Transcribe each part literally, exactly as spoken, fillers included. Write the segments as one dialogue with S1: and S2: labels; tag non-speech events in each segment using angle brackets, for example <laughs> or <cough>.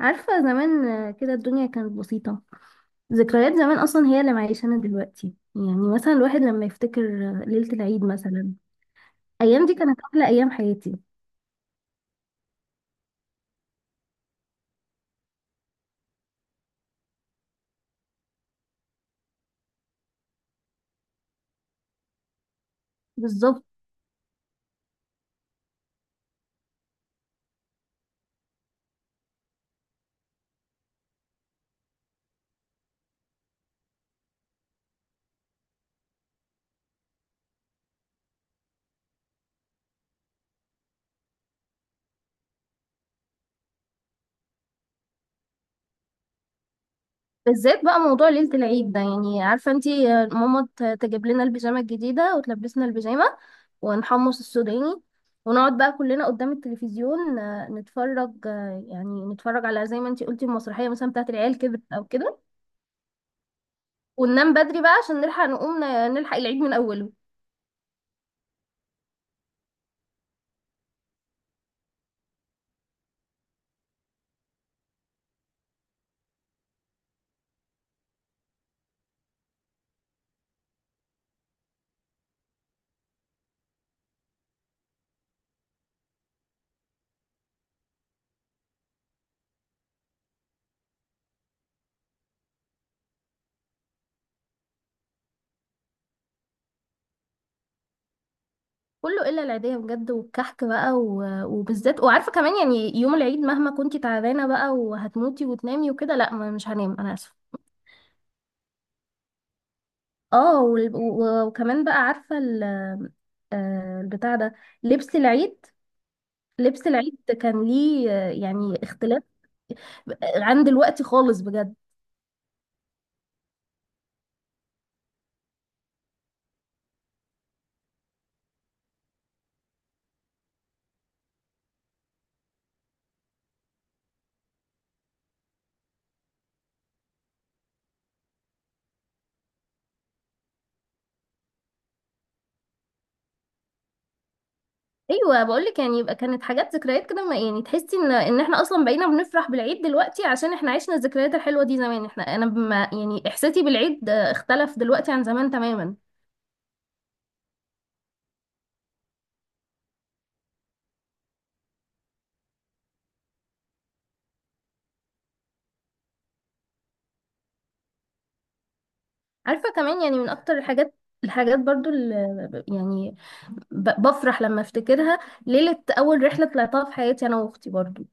S1: عارفة زمان آه، كده الدنيا كانت بسيطة. ذكريات زمان أصلا هي اللي معيشانا دلوقتي. يعني مثلا الواحد لما يفتكر آه، ليلة العيد مثلا، الأيام دي كانت أحلى أيام حياتي. بالظبط. بالذات بقى موضوع ليلة العيد ده، يعني عارفة انتي آه، ماما ت- تجيب لنا البيجامة الجديدة وتلبسنا البيجامة ونحمص السوداني ونقعد بقى كلنا قدام التلفزيون آه، نتفرج، آه، يعني نتفرج على زي ما انتي قلتي المسرحية مثلا بتاعت العيال كبرت أو كده. وننام بدري بقى عشان نلحق نقوم ن- نلحق العيد من أوله. كله الا العيديه بجد والكحك بقى و... وبالذات. وعارفه كمان يعني يوم العيد مهما كنتي تعبانه بقى وهتموتي وتنامي وكده، لا، ما- مش هنام انا اسفه. اه وال... و... وكمان بقى عارفه ال... آه، البتاع ده، لبس العيد. لبس العيد كان ليه آه، يعني اختلاف عن دلوقتي خالص بجد. ايوه بقول لك يعني، يبقى كانت حاجات ذكريات كده. ما- يعني تحسي ان ان احنا اصلا بقينا بنفرح بالعيد دلوقتي عشان احنا عشنا الذكريات الحلوه دي زمان. احنا انا بما يعني احساسي بالعيد آه، اختلف دلوقتي عن زمان تماما. عارفة كمان يعني من أكتر الحاجات، الحاجات برضو اللي ب- يعني ب- بفرح لما افتكرها، ليلة أول رحلة طلعتها في حياتي أنا وأختي برضو.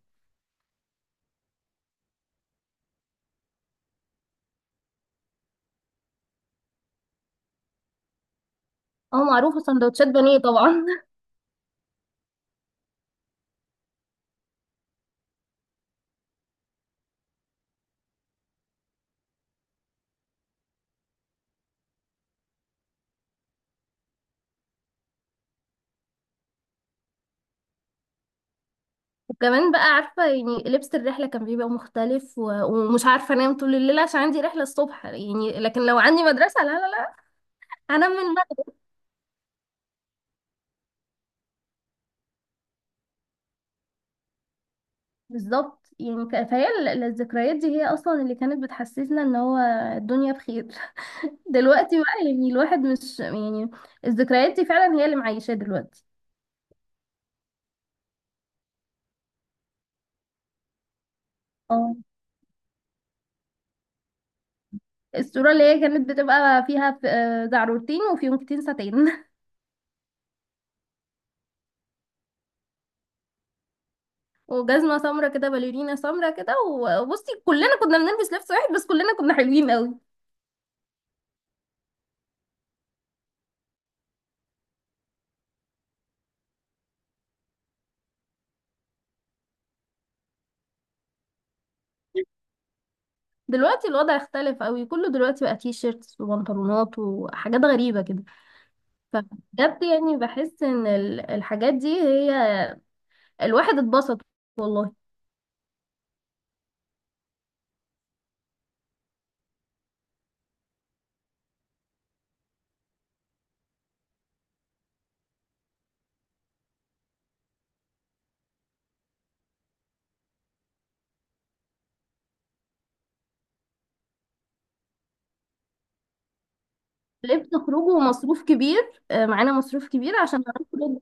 S1: اه معروفة سندوتشات بانيه طبعا <laughs> وكمان بقى عارفة يعني لبس الرحلة كان بيبقى مختلف، و... ومش عارفة أنام طول الليل عشان عندي رحلة الصبح، يعني لكن لو عندي مدرسة لا لا لا، هنام من المغرب. بالظبط يعني، ك- فهي ال- الذكريات دي هي أصلا اللي كانت بتحسسنا إن هو الدنيا بخير. دلوقتي بقى يعني الواحد مش يعني، الذكريات دي فعلا هي اللي معيشاه دلوقتي. اه. الصورة اللي هي كانت بتبقى فيها ف- آه، زعرورتين وفيونكتين ساتين. <laughs> وجزمة سمرة كده، باليرينا سمرة كده. وبصي كلنا كنا بنلبس لبس واحد، بس كلنا كنا حلوين قوي. دلوقتي الوضع اختلف قوي، كله دلوقتي بقى تي شيرتس وبنطلونات وحاجات غريبة كده. فبجد يعني بحس ان ال- الحاجات دي هي، الواحد اتبسط والله. لبس خروجه ومصروف كبير، آه، معانا مصروف كبير عشان نخرج.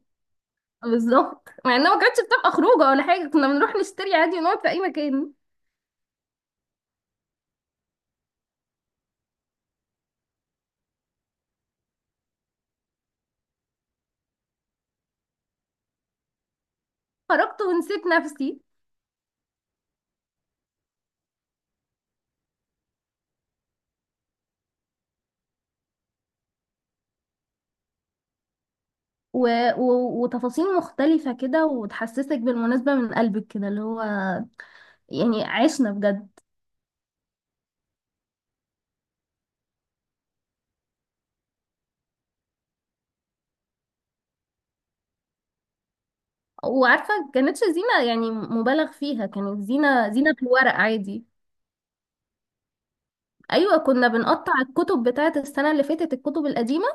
S1: بالظبط، مع انها ما كانتش بتبقى خروجه ولا حاجه، كنا بنروح نشتري عادي ونقعد في اي مكان. خرجت ونسيت نفسي. و... و... وتفاصيل مختلفه كده وتحسسك بالمناسبه من قلبك كده، اللي هو يعني عشنا بجد. وعارفه كانتش زينه يعني مبالغ فيها، كانت زينه، زينه في الورق عادي. ايوه كنا بنقطع الكتب بتاعه السنه اللي فاتت، الكتب القديمه،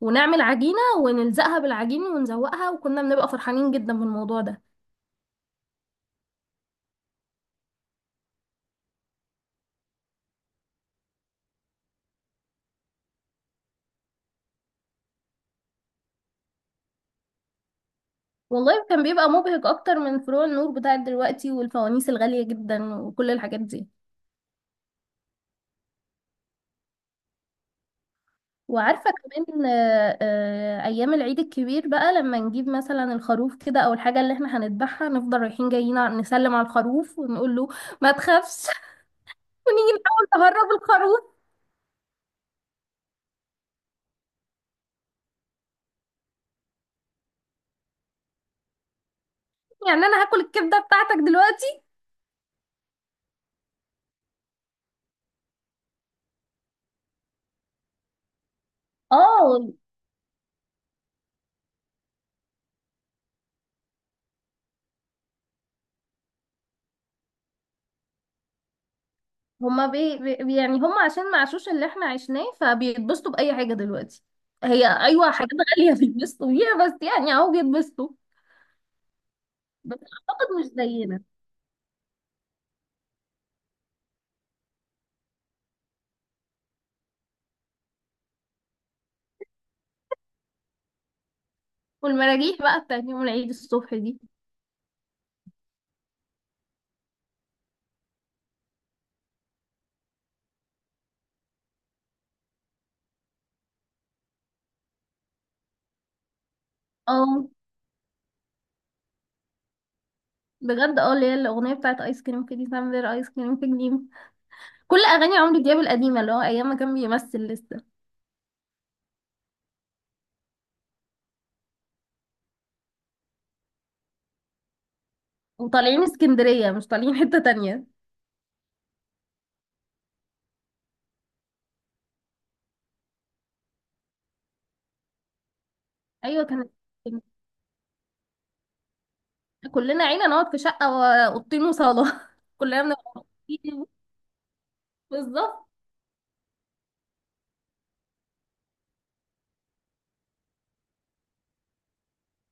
S1: ونعمل عجينه ونلزقها بالعجين ونزوقها، وكنا بنبقى فرحانين جدا بالموضوع ده. والله كان بيبقى مبهج اكتر من فروع النور بتاعت دلوقتي والفوانيس الغالية جدا وكل الحاجات دي. وعارفة كمان آه، آه، ايام العيد الكبير بقى لما نجيب مثلا الخروف كده او الحاجة اللي احنا هنذبحها، نفضل رايحين جايين ع- نسلم على الخروف ونقول له ما تخافش. <laughs> ونيجي نحاول نهرب الخروف. يعني انا هاكل الكبدة بتاعتك دلوقتي؟ اه. هما بي بي- يعني هما عشان ما عاشوش اللي احنا عشناه، فبيتبسطوا بأي حاجة دلوقتي. هي ايوه حاجات غالية <laughs> بيتبسطوا بيها، بس يعني اهو بيتبسطوا. بس اعتقد مش زينا. والمراجيح بقى بتاعت يوم العيد الصبح دي. اه بجد، اه اللي هي الاغنيه بتاعت ايس كريم كيدي سامبر، ايس كريم في جليم. كل اغاني عمرو دياب القديمه اللي هو ايام ما كان بيمثل لسه. وطالعين اسكندريه مش طالعين حته تانية. ايوه، كان كلنا عينا نقعد في شقه واوضتين وصاله <laughs> كلنا بنبقى مبسوطين. بالظبط.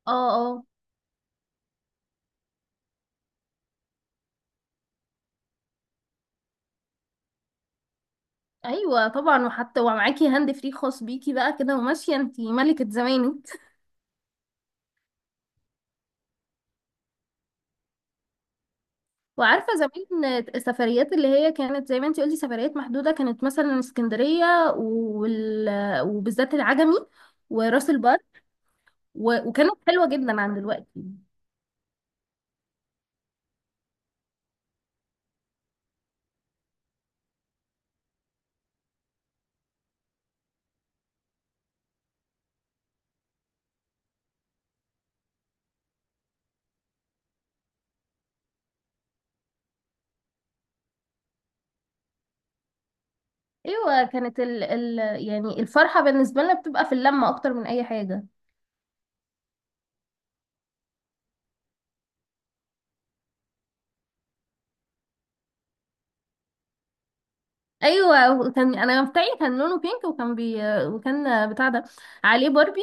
S1: اه اه ايوه طبعا، وحتى ومعاكي هاند فري خاص بيكي بقى كده، وماشيه انتي ملكه زمانك. وعارفة زمان السفريات اللي هي كانت زي ما انتي قلتي سفريات محدودة، كانت مثلا اسكندرية، وال... وبالذات العجمي وراس البر، و... وكانت حلوة جدا عن دلوقتي. ايوه، كانت ال... ال... يعني الفرحة بالنسبة لنا بتبقى في اللمة اكتر من اي حاجة. ايوه كان انا بتاعي كان لونه بينك، وكان بي... وكان بتاع ده عليه باربي،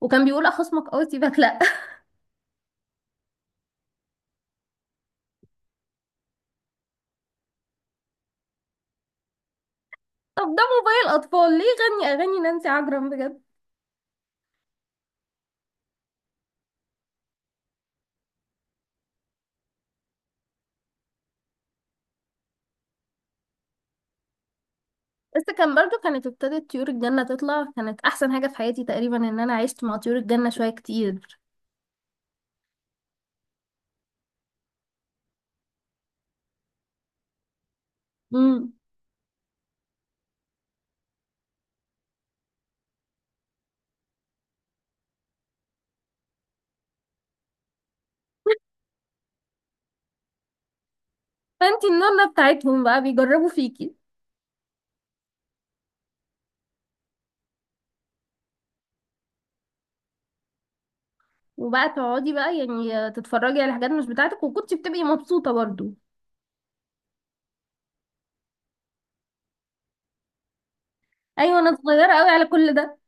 S1: وكان بيقول اخصمك اه سيبك لا. <laughs> طب ده موبايل اطفال ليه غني اغاني نانسي عجرم بجد؟ بس كان برضو، كانت ابتدت طيور الجنة تطلع، كانت أحسن حاجة في حياتي تقريبا إن أنا عشت مع طيور الجنة شوية كتير. امم. فانتي النونة بتاعتهم بقى بيجربوا فيكي، وبقى تقعدي بقى يعني تتفرجي على حاجات مش بتاعتك، وكنتي بتبقي مبسوطة برضو. أيوة أنا صغيرة أوي على كل ده.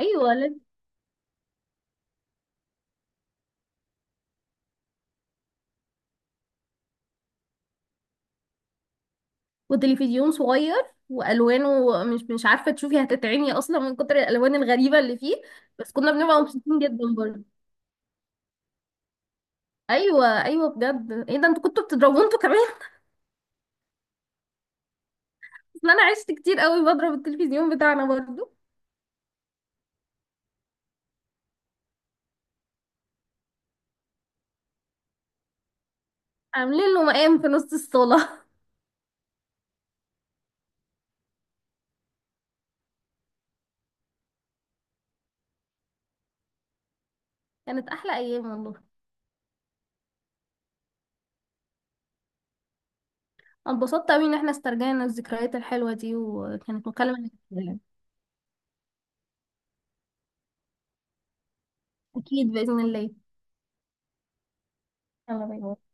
S1: أيوة لازم. وتلفزيون صغير، وألوانه مش مش عارفة تشوفي، هتتعمي أصلا من كتر الألوان الغريبة اللي فيه. بس كنا بنبقى مبسوطين جدا برضو. أيوة أيوة بجد، إيه ده انتوا كنتوا بتضربوا انتوا كمان؟ اصل انا عشت كتير قوي بضرب التلفزيون بتاعنا برضو. عاملين له مقام في نص الصاله. <laughs> كانت احلى ايام والله. أنا اتبسطت قوي ان احنا استرجعنا الذكريات الحلوه دي، وكانت مكالمه لذيذة. اكيد باذن الله. يلا باي باي